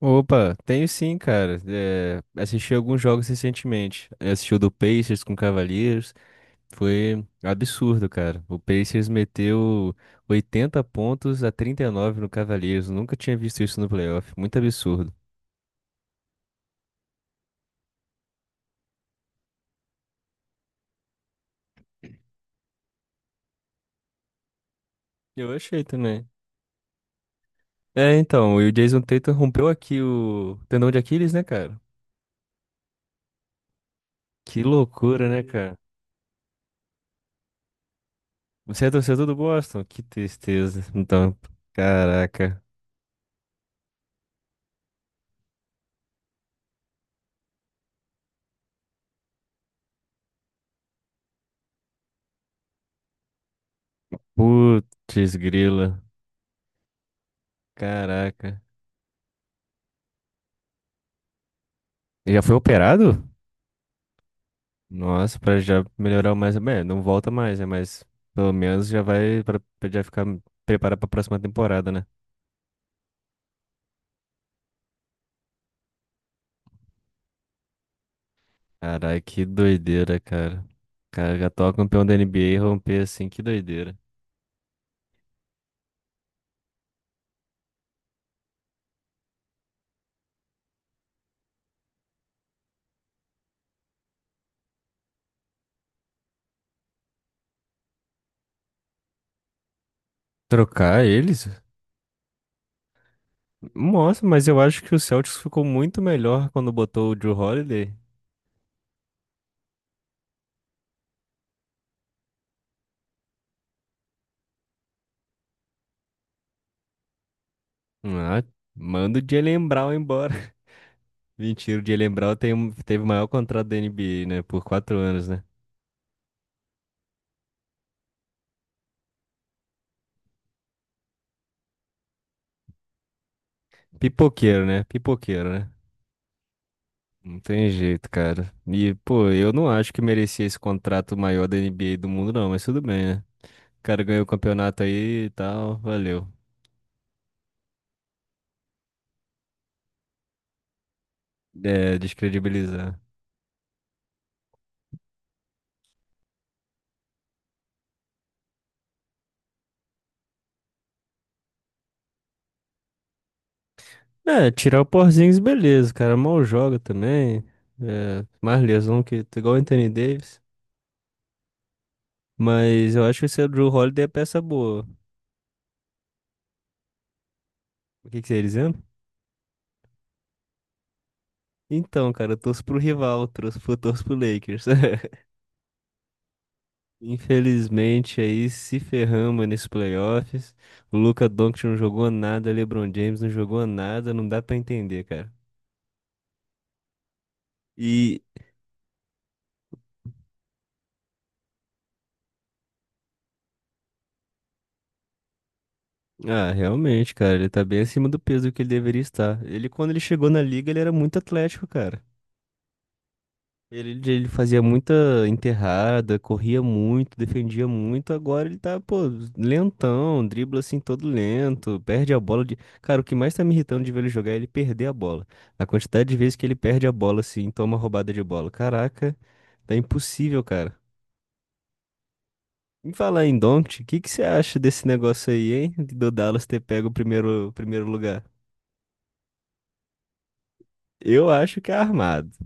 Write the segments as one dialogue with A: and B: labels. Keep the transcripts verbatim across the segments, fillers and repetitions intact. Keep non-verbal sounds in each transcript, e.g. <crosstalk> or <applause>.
A: Opa, tenho sim, cara. É, assisti alguns jogos recentemente. Eu assisti o do Pacers com Cavaliers. Foi absurdo, cara. O Pacers meteu oitenta pontos a trinta e nove no Cavaliers. Nunca tinha visto isso no playoff. Muito absurdo. Eu achei também. É, então, e o Jason Tatum rompeu aqui o tendão de Aquiles, né, cara? Que loucura, né, cara? Você é torcedor do Boston? Que tristeza. Então, caraca. Putz, grila. Caraca. Ele já foi operado? Nossa, pra já melhorar mais. Bem, não volta mais, né? Mas pelo menos já vai pra, pra já ficar preparado pra próxima temporada, né? Caralho, que doideira, cara. O cara, já atual campeão da N B A e romper assim, que doideira. Trocar eles? Nossa, mas eu acho que o Celtics ficou muito melhor quando botou o Jrue Holiday. Ah, manda o Jaylen Brown embora. <laughs> Mentira, o Jaylen Brown tem, um- teve o maior contrato da N B A, né? Por quatro anos, né? Pipoqueiro, né? Pipoqueiro, né? Não tem jeito, cara. E, pô, eu não acho que merecia esse contrato maior da N B A do mundo, não, mas tudo bem, né? O cara ganhou o campeonato aí e tal, valeu. É, descredibilizar. É, tirar o Porzingis, beleza, cara. Mal joga também. É, mais lesão que igual o Anthony Davis. Mas eu acho que esse Drew Holiday é peça boa. O que que você ia dizendo? Então, cara, eu torço pro rival, torço pro, torço pro Lakers. <laughs> Infelizmente, aí se ferramos nesses playoffs. O Luka Doncic não jogou nada, LeBron James não jogou nada, não dá pra entender, cara. E, ah, realmente, cara, ele tá bem acima do peso que ele deveria estar. Ele, quando ele chegou na liga, ele era muito atlético, cara. Ele, ele fazia muita enterrada, corria muito, defendia muito. Agora ele tá, pô, lentão, dribla assim todo lento, perde a bola de. Cara, o que mais tá me irritando de ver ele jogar é ele perder a bola. A quantidade de vezes que ele perde a bola assim, toma roubada de bola. Caraca, tá impossível, cara. Me falar em Doncic, o que que você acha desse negócio aí, hein? Do Dallas ter pego o primeiro, o primeiro lugar? Eu acho que é armado.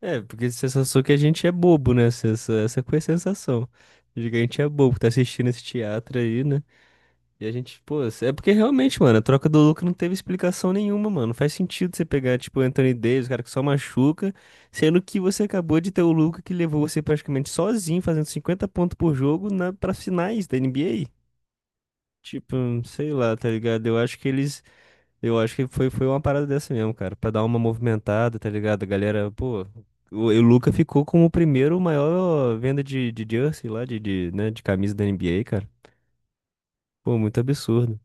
A: É, porque a sensação que a gente é bobo, né? Essa, essa foi a sensação. De que a gente é bobo, tá assistindo esse teatro aí, né? E a gente, pô, é porque realmente, mano, a troca do Luka não teve explicação nenhuma, mano. Não faz sentido você pegar, tipo, o Anthony Davis, o cara que só machuca, sendo que você acabou de ter o Luka que levou você praticamente sozinho, fazendo cinquenta pontos por jogo na, pra finais da N B A. Tipo, sei lá, tá ligado? Eu acho que eles. Eu acho que foi, foi uma parada dessa mesmo, cara. Pra dar uma movimentada, tá ligado? A galera, pô. O, e o Luca ficou como o primeiro maior venda de, de jersey lá, de, de, né, de camisa da N B A, cara. Pô, muito absurdo.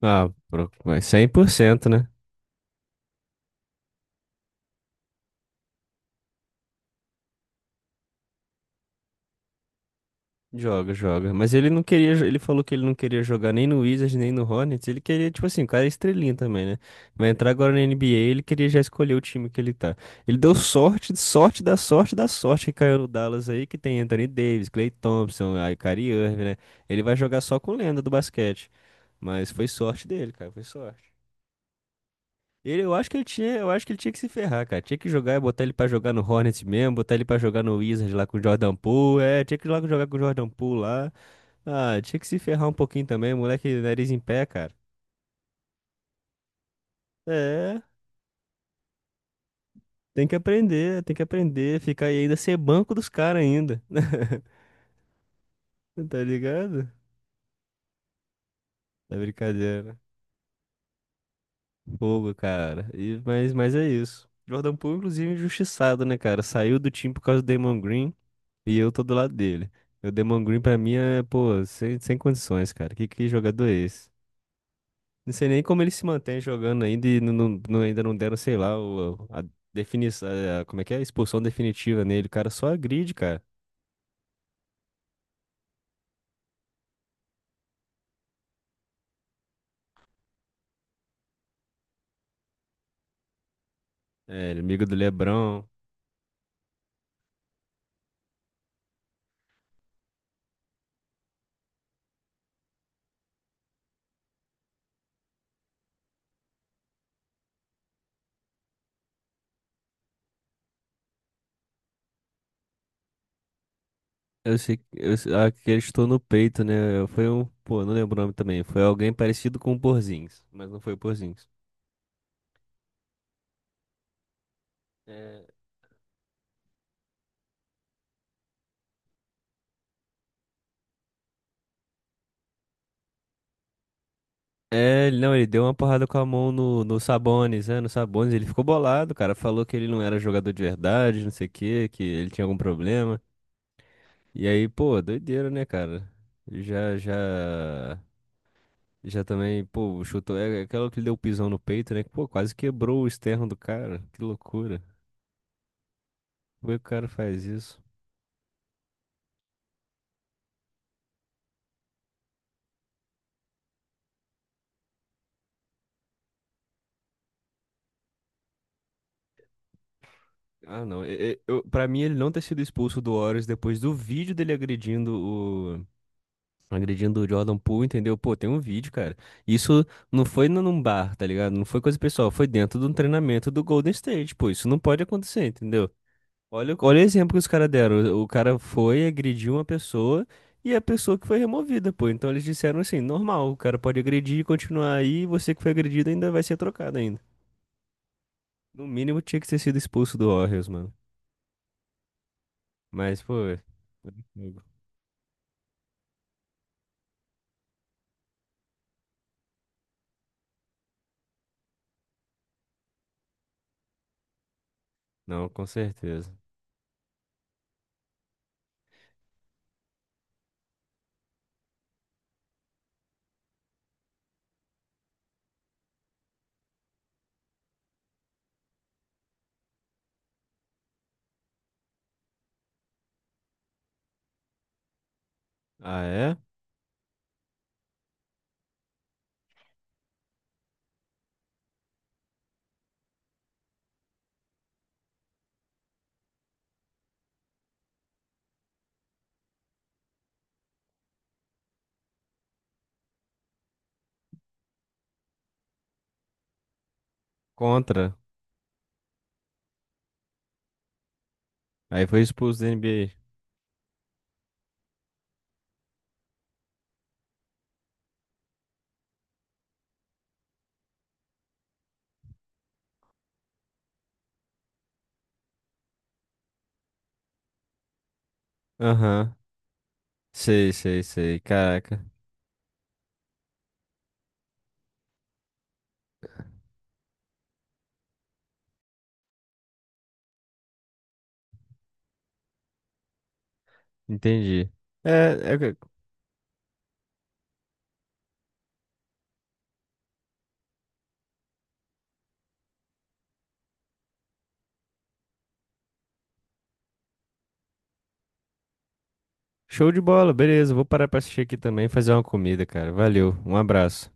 A: Ah, pro- mas cem por cento né? Joga, joga. Mas ele não queria, jo- ele falou que ele não queria jogar nem no Wizards, nem no Hornets. Ele queria, tipo assim, o cara é estrelinha também, né? Vai entrar agora na N B A, ele queria já escolher o time que ele tá. Ele deu sorte, sorte da sorte da sorte que caiu no Dallas aí, que tem Anthony Davis, Klay Thompson, aí Kyrie Irving, né? Ele vai jogar só com lenda do basquete. Mas foi sorte dele, cara, foi sorte. Ele, eu acho que ele tinha, eu acho que ele tinha que se ferrar, cara. Tinha que jogar, botar ele pra jogar no Hornets mesmo, botar ele pra jogar no Wizards lá com o Jordan Poole, é, tinha que ir lá jogar com o Jordan Poole lá. Ah, tinha que se ferrar um pouquinho também, moleque, nariz em pé, cara. É, tem que aprender, tem que aprender, ficar aí ainda ser banco dos caras ainda. <laughs> Tá ligado? É brincadeira. Fogo, cara. E, mas, mas é isso. Jordan Poole, inclusive, injustiçado, né, cara? Saiu do time por causa do Damon Green e eu tô do lado dele. O Damon Green, pra mim, é, pô, sem, sem condições, cara. Que, que jogador é esse? Não sei nem como ele se mantém jogando ainda e não, não- não- ainda não deram, sei lá, o- a definição, como é que é? A expulsão definitiva nele. O cara só agride, cara. É, ele é do LeBron. Eu sei, que- eu, sei- ah, que ele estou no peito, né? Foi um, pô, não lembro o nome também. Foi alguém parecido com o Porzingis, mas não foi o Porzingis. É, é, não, ele deu uma porrada com a mão no, no Sabonis, né? No Sabonis, ele ficou bolado, cara. Falou que ele não era jogador de verdade, não sei o quê, que ele tinha algum problema. E aí, pô, doideira, né, cara? Já, já, já também, pô, chutou. É aquela que deu o pisão no peito, né? que, Pô, quase quebrou o externo do cara. Que loucura. Como é que o cara faz isso? Ah, não. e- e- Eu, pra mim, ele não ter sido expulso do Warriors depois do vídeo dele agredindo o. Agredindo o Jordan Poole, entendeu? Pô, tem um vídeo, cara. Isso não foi num num bar, tá ligado? Não foi coisa pessoal, foi dentro de um treinamento do Golden State. Pô, isso não pode acontecer, entendeu? Olha, o- olha o exemplo que os caras deram. O o cara foi, agrediu uma pessoa e a pessoa que foi removida, pô. Então eles disseram assim, normal, o cara pode agredir e continuar aí, e você que foi agredido ainda vai ser trocado ainda. No mínimo tinha que ter sido expulso do Warriors, mano. Mas, pô, foi fogo. Não, com certeza. Ah, é? Contra. Aí foi expulso da N B A. Aham. Sei, sei, sei. Caraca. Entendi. É, é, show de bola, beleza. Vou parar pra assistir aqui também e fazer uma comida, cara. Valeu, um abraço.